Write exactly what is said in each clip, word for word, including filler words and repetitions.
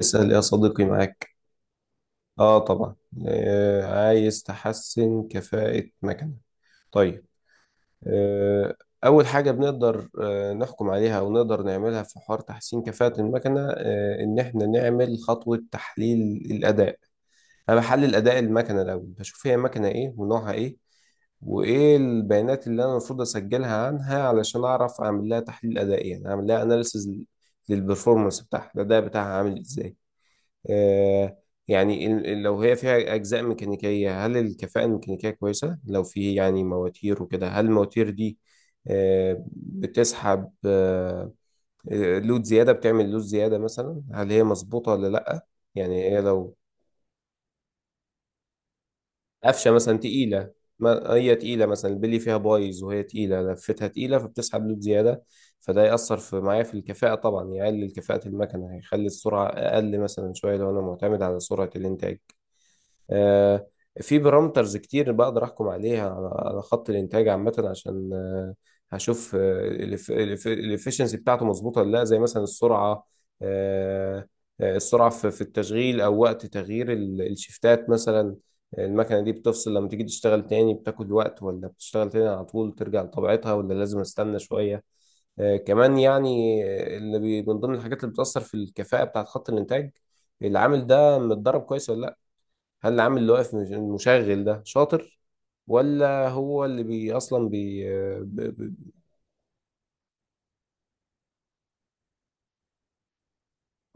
اسأل يا صديقي معاك. اه، طبعا. آه، عايز تحسن كفاءة مكنة؟ طيب. آه اول حاجة بنقدر آه نحكم عليها او نقدر نعملها في حوار تحسين كفاءة المكنة، آه، ان احنا نعمل خطوة تحليل الاداء. انا بحلل اداء المكنة الاول، بشوف هي مكنة ايه ونوعها ايه، وايه البيانات اللي انا المفروض اسجلها عنها علشان اعرف اعمل لها تحليل ادائي، يعني اعمل لها اناليسز للبرفورمانس بتاعها، الاداء بتاعها عامل ازاي. آه، يعني ال- ال- لو هي فيها أجزاء ميكانيكية، هل الكفاءة الميكانيكية كويسة؟ لو في يعني مواتير وكده، هل المواتير دي آه، بتسحب آه، آه، لود زيادة، بتعمل لود زيادة مثلا، هل هي مظبوطة ولا لأ؟ يعني هي لو قفشة مثلا تقيلة، ما هي تقيلة مثلا، البلي فيها بايظ وهي تقيلة، لفتها تقيلة، فبتسحب لود زيادة. فده يأثر في معايا في الكفاءة طبعا، يقلل كفاءة المكنة، هيخلي السرعة أقل مثلا شوية لو أنا معتمد على سرعة الإنتاج. آه، في بارامترز كتير بقدر احكم عليها على على خط الانتاج عامه عشان آه، هشوف الافشنسي بتاعته مظبوطه ولا لا، زي مثلا السرعه. آه، آه، السرعه في في التشغيل، او وقت تغيير ال- الشفتات مثلا، المكنه دي بتفصل لما تيجي تشتغل تاني بتاكل وقت، ولا بتشتغل تاني على طول ترجع لطبيعتها، ولا لازم استنى شويه. آه، كمان يعني، آه، اللي بي- من ضمن الحاجات اللي بتأثر في الكفاءة بتاعت خط الإنتاج، العامل ده متدرب كويس ولا؟ هل العامل اللي واقف مش- المشغل ده شاطر، ولا هو اللي بي اصلا بي؟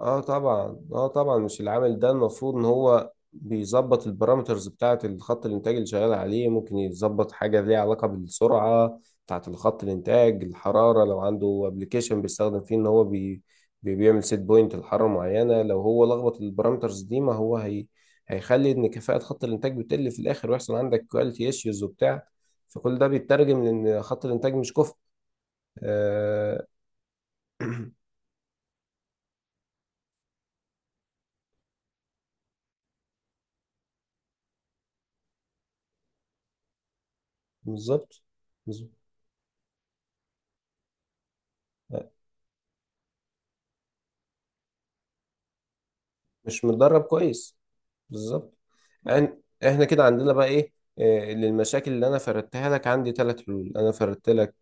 اه طبعا، اه طبعا، مش العامل ده المفروض ان هو بيظبط البارامترز بتاعة الخط الانتاج اللي شغال عليه، ممكن يظبط حاجة ليها علاقة بالسرعة بتاعة الخط الانتاج، الحرارة لو عنده ابلكيشن بيستخدم فيه ان هو بي بي- بيعمل سيت بوينت لحرارة معينة، لو هو لخبط البارامترز دي، ما هو هي هيخلي ان كفاءة خط الانتاج بتقل في الاخر، ويحصل عندك كواليتي ايشوز وبتاع. فكل ده بيترجم لان خط الانتاج مش كفء. آه، بالظبط. بالظبط. آه، مش متدرب كويس. بالظبط. يعني احنا كده عندنا بقى ايه؟ آه، للمشاكل اللي انا فردتها لك، عندي ثلاث حلول. انا فردت لك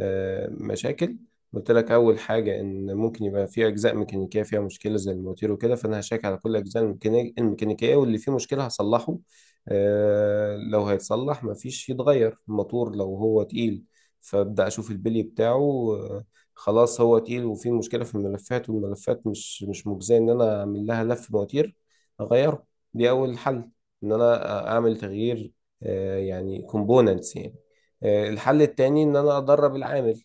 آه، مشاكل، قلت لك اول حاجه ان ممكن يبقى في اجزاء ميكانيكيه فيها مشكله زي الموتير وكده، فانا هشيك على كل الاجزاء الميكاني- الميكانيكيه، واللي فيه مشكله هصلحه. آه، لو هيتصلح مفيش، يتغير الموتور. لو هو تقيل فابدا اشوف البلي بتاعه. آه، خلاص هو تقيل وفيه مشكله في الملفات، والملفات مش مش مجزيه ان انا اعمل لها لف مواتير، اغيره. دي اول حل، ان انا اعمل تغيير، آه، يعني كومبوننتس يعني. آه، الحل التاني ان انا ادرب العامل،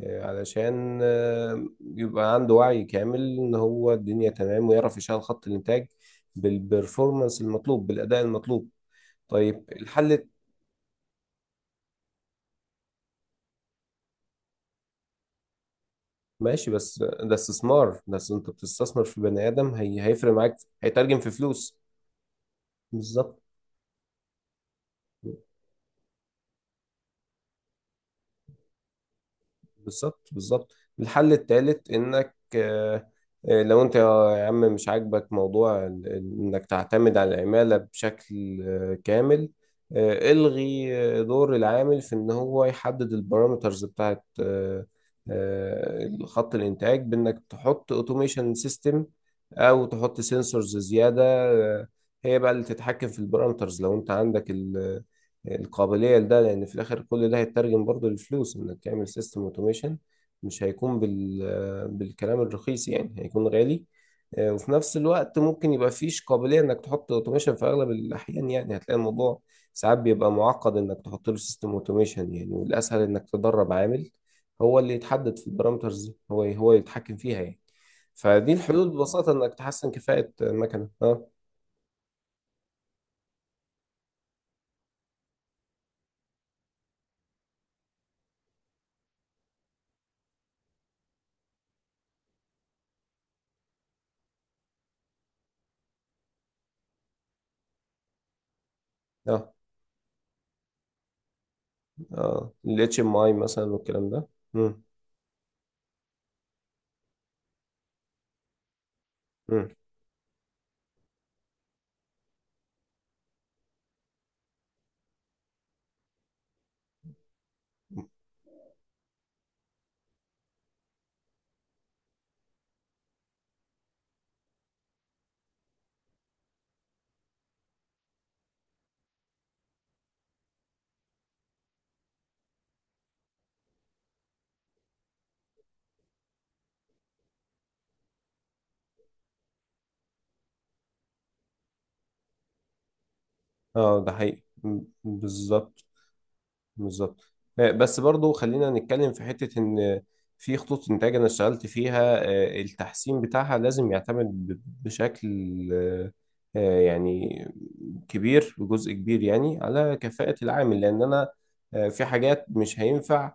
آه، علشان آه، يبقى عنده وعي كامل ان هو الدنيا تمام، ويعرف يشغل خط الانتاج بالبرفورمانس المطلوب، بالاداء المطلوب. طيب الحل. ماشي، بس ده استثمار، بس انت بتستثمر في بني ادم، هي هيفرق معاك، هيترجم في فلوس. بالظبط. بالظبط. بالظبط. الحل التالت انك آه، آه، لو انت يا عم مش عاجبك موضوع ال- ال- انك تعتمد على العمالة بشكل آه، كامل، آه، الغي آه، دور العامل في ان هو يحدد البارامترز بتاعت آه، آه، خط الانتاج، بانك تحط اوتوميشن سيستم، او تحط سنسورز زيادة، آه، هي بقى اللي تتحكم في البارامترز، لو انت عندك القابلية لده. لأن في الآخر كل ده هيترجم برضه للفلوس، إنك تعمل سيستم أوتوميشن مش هيكون بال... آه، بالكلام الرخيص يعني، هيكون غالي. آه، وفي نفس الوقت ممكن يبقى فيش قابلية إنك تحط أوتوميشن في أغلب الأحيان، يعني هتلاقي الموضوع ساعات بيبقى معقد إنك تحط له سيستم أوتوميشن يعني، والأسهل إنك تدرب عامل هو اللي يتحدد في البارامترز دي، هو هو يتحكم فيها يعني. فدي الحلول ببساطة إنك تحسن كفاءة المكنة. اه. اه. اه، ال إتش إم آي مثلا والكلام ده. مم. مم. اه، ده حقيقي، م- بالظبط. بالظبط. آه، بس برضو خلينا نتكلم في حتة ان في خطوط انتاج انا اشتغلت فيها، آه، التحسين بتاعها لازم يعتمد ب- بشكل آه، آه، يعني كبير، بجزء كبير يعني، على كفاءة العامل. لان انا آه، في حاجات مش هينفع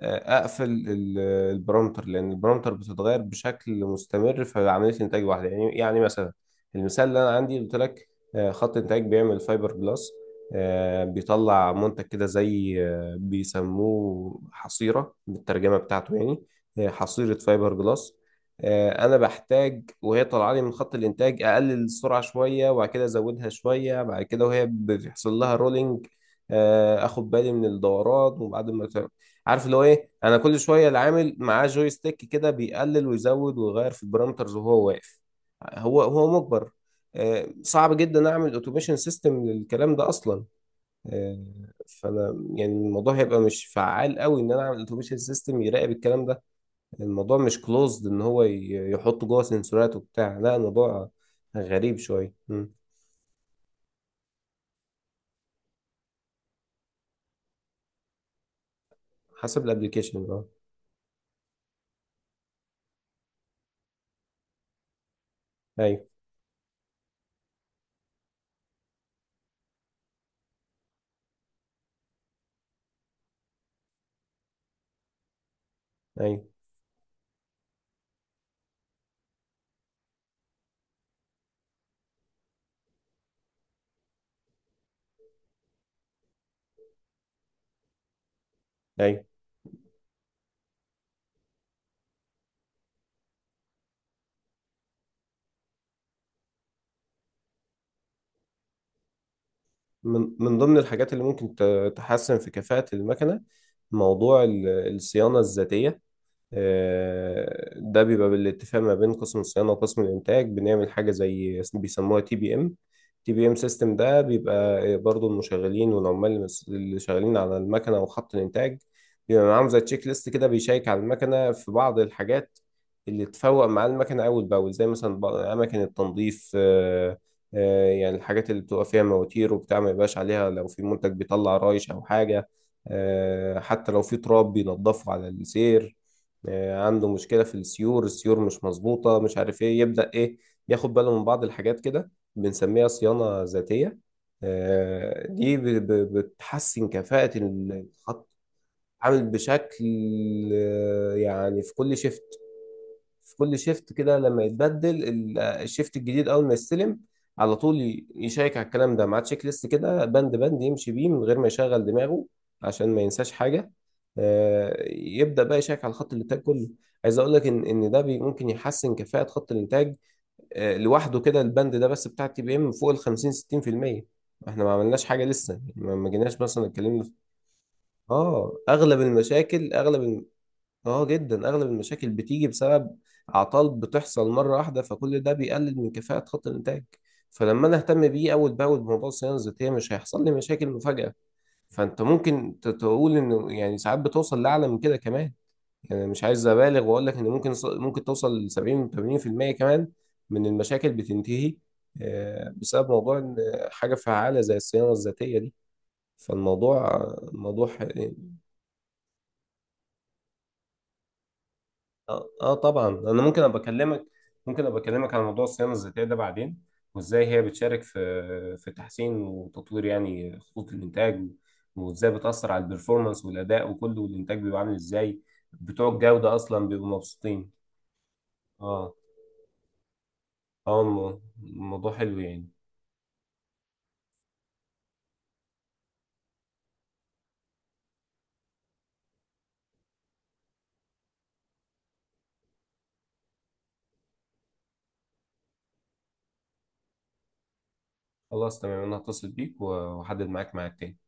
اقفل ال- البرامتر، لان البرامتر بتتغير بشكل مستمر في عمليه انتاج واحده يعني. يعني مثلا المثال اللي انا عندي قلت لك، آه، خط انتاج بيعمل فايبر جلاس، آه، بيطلع منتج كده زي آه، بيسموه حصيره بالترجمه بتاعته يعني، آه، حصيره فايبر جلاس. آه، انا بحتاج وهي طالعه لي من خط الانتاج اقلل السرعه شويه، وبعد كده ازودها شويه بعد كده، وهي بيحصل لها رولينج. آه، اخد بالي من الدورات، وبعد ما ت- عارف اللي هو ايه، انا كل شويه العامل معاه جوي ستيك كده، بيقلل ويزود ويغير في البارامترز وهو واقف، هو هو مجبر. آه، صعب جدا اعمل اوتوميشن سيستم للكلام ده اصلا. آه، فانا يعني الموضوع هيبقى مش فعال قوي ان انا اعمل اوتوميشن سيستم يراقب الكلام ده. الموضوع مش كلوزد ان هو ي- يحط جوه سنسورات وبتاع، لا الموضوع غريب شويه. مم. حسب الابلكيشن، اه. ايوه. ايوه. ايوه. من من ضمن الحاجات اللي ممكن ت- تحسن في كفاءة المكنة موضوع ال- الصيانة الذاتية. آه، ده بيبقى بالاتفاق ما بين قسم الصيانة وقسم الإنتاج، بنعمل حاجة زي بيسموها تي بي إم. تي بي إم سيستم ده بيبقى برضو المشغلين والعمال اللي شغالين على المكنة وخط الإنتاج بيبقى معاهم زي تشيك ليست كده، بيشيك على المكنة في بعض الحاجات اللي تفوق مع المكنة أول بأول، زي مثلا بق- أماكن التنظيف، آه، آه، يعني الحاجات اللي بتبقى فيها مواتير وبتاع ما يبقاش عليها لو في منتج بيطلع رايش أو حاجة، آه، حتى لو في تراب بينضفه على السير، آه، عنده مشكلة في السيور، السيور مش مظبوطة، مش عارف ايه يبدأ ايه، ياخد باله من بعض الحاجات كده، بنسميها صيانة ذاتية. آه، دي ب- ب- بتحسن كفاءة الخط، عامل بشكل آه، يعني في كل شيفت. في كل شيفت كده لما يتبدل ال- الشيفت الجديد، اول ما يستلم على طول ي- يشيك على الكلام ده مع تشيك ليست كده، بند بند يمشي بيه من غير ما يشغل دماغه عشان ما ينساش حاجه. آه، يبدا بقى يشيك على خط الانتاج كله. عايز اقول لك ان ان ده بي- ممكن يحسن كفاءه خط الانتاج، آه، لوحده كده البند ده بس بتاع تي بي ام فوق ال خمسين ستين في المية. احنا ما عملناش حاجه لسه يعني، ما ما جيناش مثلا اتكلمنا في- اه اغلب المشاكل اغلب. اه جدا اغلب المشاكل بتيجي بسبب اعطال بتحصل مره واحده، فكل ده بيقلل من كفاءه خط الانتاج. فلما انا اهتم بيه اول باول بموضوع الصيانه الذاتيه، مش هيحصل لي مشاكل مفاجاه. فانت ممكن ت- تقول انه يعني ساعات بتوصل لاعلى من كده كمان، يعني مش عايز ابالغ واقول لك ان ممكن ص- ممكن توصل ل سبعين و ثمانين في المية كمان من المشاكل بتنتهي آه، بسبب موضوع إن حاجه فعاله زي الصيانه الذاتيه دي. فالموضوع موضوع اه، آه طبعا. انا ممكن ابقى اكلمك ممكن ابقى اكلمك على موضوع الصيانه الذاتيه ده بعدين، وازاي هي بتشارك في في تحسين وتطوير يعني خطوط الانتاج، وازاي بتاثر على البرفورمانس والاداء وكله، والانتاج بيبقى عامل ازاي، بتوع الجوده اصلا بيبقوا مبسوطين. اه. اه، الم- الموضوع حلو يعني. خلاص تمام، انا هتصل بيك واحدد معاك ميعاد تاني.